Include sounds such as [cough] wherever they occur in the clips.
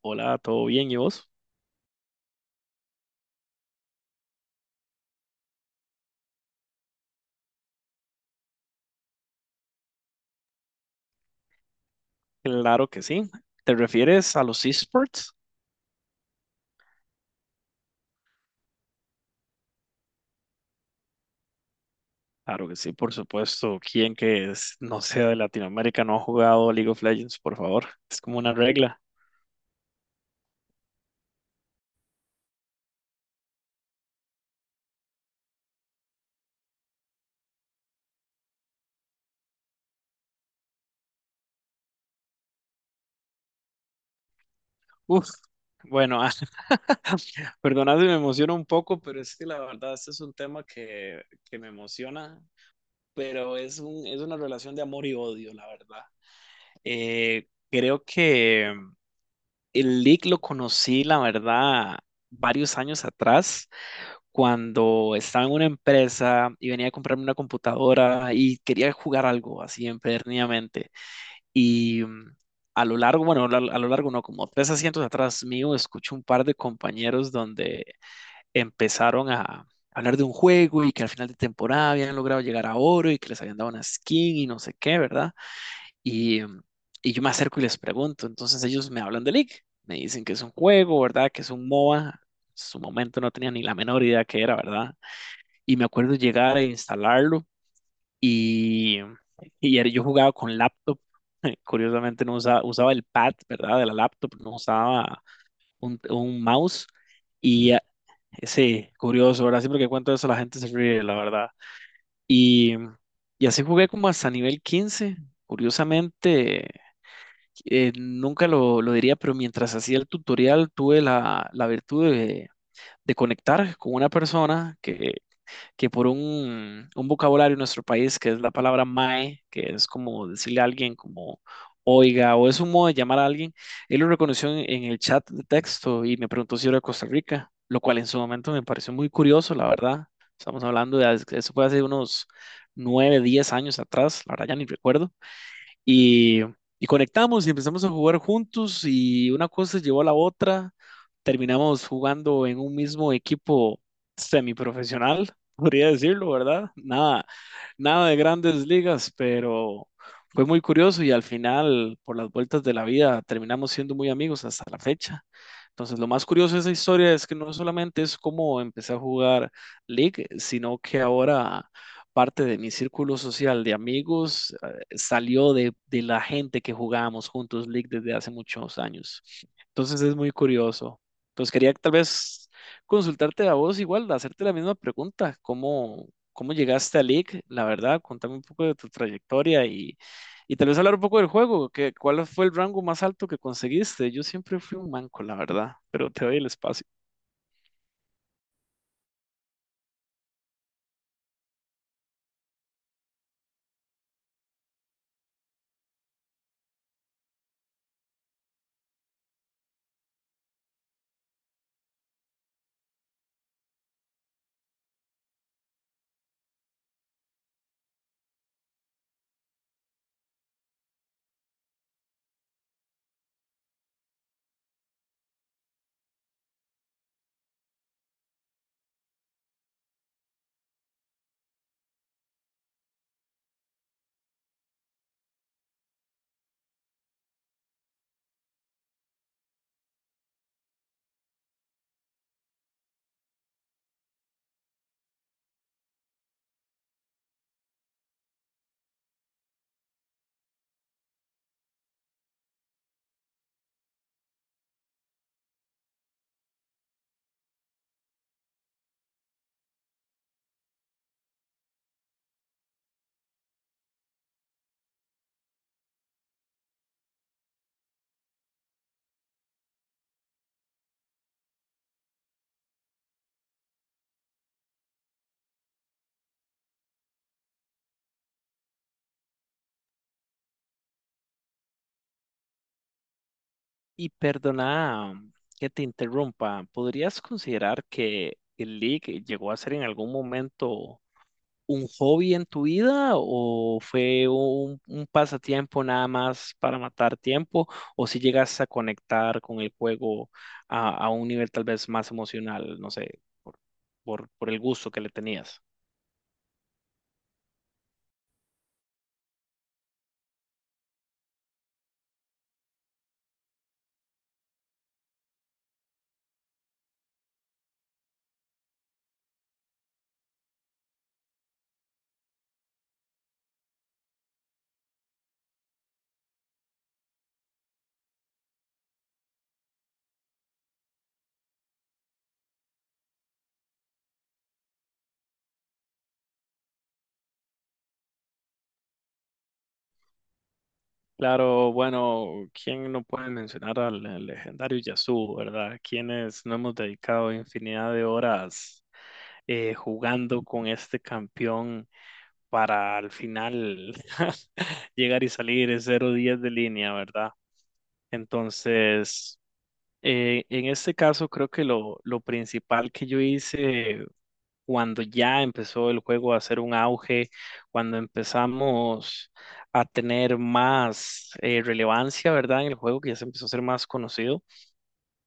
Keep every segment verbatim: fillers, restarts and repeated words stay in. Hola, ¿todo bien? ¿Y vos? Claro que sí. ¿Te refieres a los esports? Claro que sí, por supuesto. ¿Quién que es- no sea de Latinoamérica no ha jugado League of Legends, por favor? Es como una regla. Uf. Bueno, [laughs] perdonad si me emociono un poco, pero es que la verdad este es un tema que, que me emociona, pero es un, es una relación de amor y odio, la verdad. Eh, creo que el League lo conocí, la verdad, varios años atrás cuando estaba en una empresa y venía a comprarme una computadora y quería jugar algo así empederniamente. Y mm, a lo largo, bueno, a lo a lo largo no, como tres asientos atrás mío, escucho un par de compañeros donde empezaron a hablar de un juego y que al final de temporada habían logrado llegar a oro y que les habían dado una skin y no sé qué, ¿verdad? Y, mm, y yo me acerco y les pregunto, entonces ellos me hablan de League, me dicen que es un juego, ¿verdad? Que es un MOBA. En su momento no tenía ni la menor idea que era, ¿verdad? Y me acuerdo llegar a instalarlo y, y era- yo jugaba con laptop. [laughs] Curiosamente no usaba, usaba el pad, ¿verdad? De la laptop, no usaba un, un mouse. Y ah, sí, curioso, ¿verdad? Siempre que cuento eso la gente se ríe, la verdad. Y, y así jugué como hasta nivel quince. Curiosamente, eh, nunca lo, lo diría, pero mientras hacía el tutorial tuve la, la virtud de, de conectar con una persona que, que por un, un vocabulario en nuestro país, que es la palabra mae, que es como decirle a alguien como oiga, o es un modo de llamar a alguien, él lo reconoció en, en el chat de texto y me preguntó si era de Costa Rica, lo cual en su momento me pareció muy curioso, la verdad. Estamos hablando de, hace- eso fue hace unos nueve, diez años atrás, la verdad ya ni recuerdo. Y, y conectamos y empezamos a jugar juntos y una cosa llevó a la otra. Terminamos jugando en un mismo equipo semiprofesional, [laughs] podría decirlo, ¿verdad? Nada, nada de grandes ligas, pero fue muy curioso y al final, por las vueltas de la vida, terminamos siendo muy amigos hasta la fecha. Entonces, lo más curioso de esa historia es que no solamente es cómo empecé a jugar League, sino que ahora parte de mi círculo social de amigos salió de, de la gente que jugábamos juntos League desde hace muchos años. Entonces es muy curioso. Pues quería tal vez consultarte a vos igual, hacerte la misma pregunta, ¿cómo, cómo llegaste a League? La verdad, contame un poco de tu trayectoria y, y tal vez hablar un poco del juego, que, ¿cuál fue el rango más alto que conseguiste? Yo siempre fui un manco, la verdad, pero te doy el espacio. Y perdona que te interrumpa, ¿podrías considerar que el League llegó a ser en algún momento un hobby en tu vida o fue un, un pasatiempo nada más para matar tiempo o si llegas a conectar con el juego a, a un nivel tal vez más emocional, no sé, por, por, por el gusto que le tenías? Claro, bueno, ¿quién no puede mencionar al al legendario Yasuo, verdad? Quienes no hemos dedicado infinidad de horas eh, jugando con este campeón para al final [laughs] llegar y salir en cero a diez de línea, ¿verdad? Entonces, eh, en este caso creo que lo, lo principal que yo hice cuando ya empezó el juego a hacer un auge, cuando empezamos a tener más eh, relevancia, ¿verdad? En el juego que ya se empezó a ser más conocido,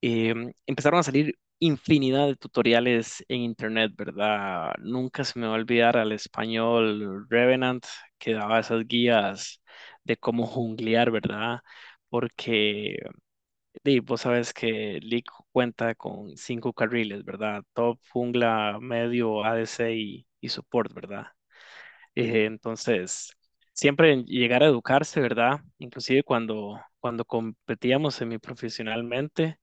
em, empezaron a salir infinidad de tutoriales en internet, ¿verdad? Nunca se me va a olvidar al español Revenant que daba esas guías de cómo junglear, ¿verdad? Porque y vos sabes que League cuenta con cinco carriles, ¿verdad? Top, jungla, medio, A D C y, y support, ¿verdad? Eh, entonces, siempre en llegar a educarse, ¿verdad? Inclusive cuando, cuando competíamos semiprofesionalmente,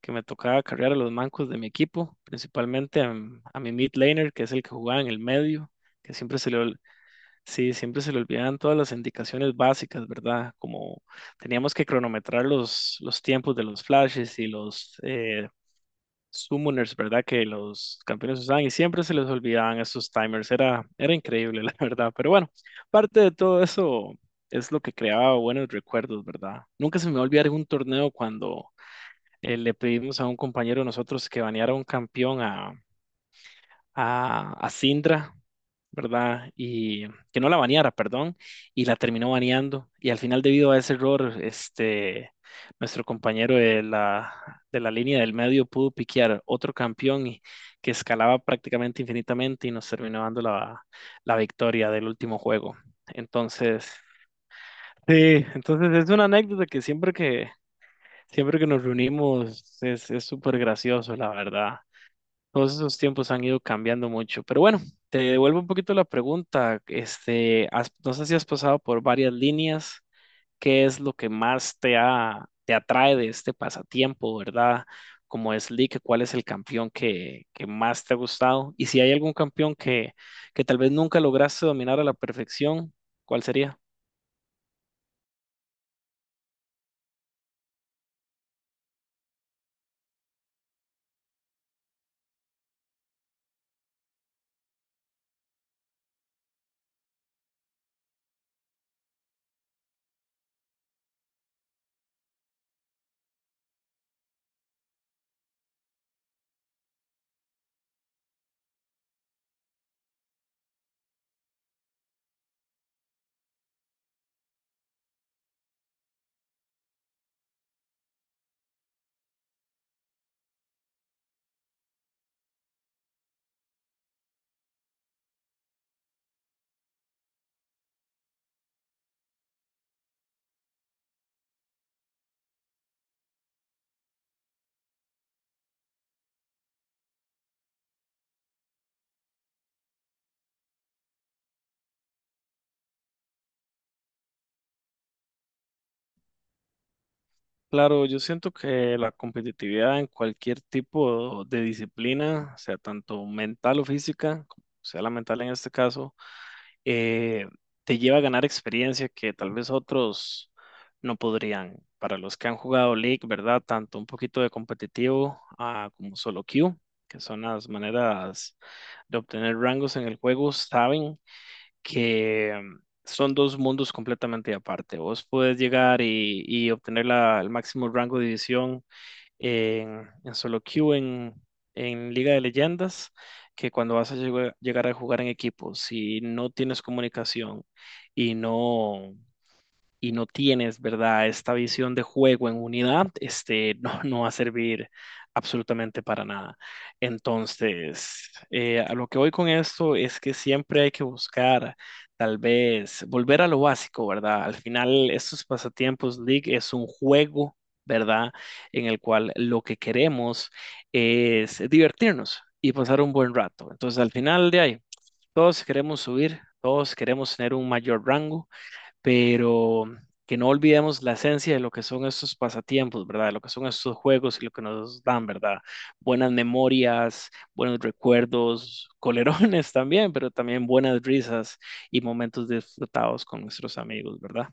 que me tocaba cargar a los mancos de mi equipo, principalmente a, a mi mid laner, que es el que jugaba en el medio, que siempre se le, Sí, siempre se le olvidan todas las indicaciones básicas, ¿verdad? Como teníamos que cronometrar los, los tiempos de los flashes y los eh, summoners, ¿verdad? Que los campeones usaban y siempre se les olvidaban esos timers. Era, era increíble, [laughs] la verdad. Pero bueno, parte de todo eso es lo que creaba buenos recuerdos, ¿verdad? Nunca se me va a olvidar un torneo cuando eh, le pedimos a un compañero de nosotros que baneara a un campeón a, a, a Syndra, ¿verdad? Y que no la baneara, perdón, y la terminó baneando. Y al final, debido a ese error, este, nuestro compañero de la, de la línea del medio pudo piquear otro campeón y- que escalaba prácticamente infinitamente y nos terminó dando la, la victoria del último juego. Entonces, sí, entonces es una anécdota que siempre que, siempre que nos reunimos es, es súper gracioso, la verdad. Todos esos tiempos han ido cambiando mucho. Pero bueno, te devuelvo un poquito la pregunta. Este, has- no sé si has pasado por varias líneas. ¿Qué es lo que más te ha- te atrae de este pasatiempo, verdad? Como es League, ¿cuál es el campeón que, que más te ha gustado? Y si hay algún campeón que, que tal vez nunca lograste dominar a la perfección, ¿cuál sería? Claro, yo siento que la competitividad en cualquier tipo de disciplina, sea tanto mental o física, como sea la mental en este caso, eh, te lleva a ganar experiencia que tal vez otros no podrían. Para los que han jugado League, ¿verdad? Tanto un poquito de competitivo ah, como solo queue, que son las maneras de obtener rangos en el juego, saben que mm, son dos mundos completamente aparte. Vos podés llegar y, y obtener la- el máximo rango de división en, en solo queue, en, en Liga de Leyendas, que cuando vas a llegar, llegar a jugar en equipo, si no tienes comunicación y no y no tienes, ¿verdad? Esta visión de juego en unidad, este, [laughs] no, no va a servir absolutamente para nada. Entonces, eh, a lo que voy con esto es que siempre hay que buscar, tal vez, volver a lo básico, ¿verdad? Al final, estos pasatiempos League es un juego. ¿Verdad? En el cual lo que queremos es divertirnos y pasar un buen rato. Entonces, al final de ahí, todos queremos subir, todos queremos tener un mayor rango, pero que no olvidemos la esencia de lo que son estos pasatiempos, ¿verdad? De lo que son estos juegos y lo que nos dan, ¿verdad? Buenas memorias, buenos recuerdos, colerones [laughs] también, pero también buenas risas y momentos disfrutados con nuestros amigos, ¿verdad?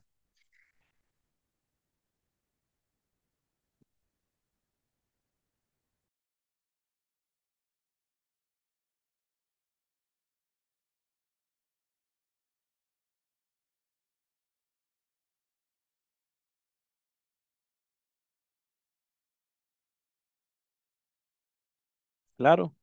Claro.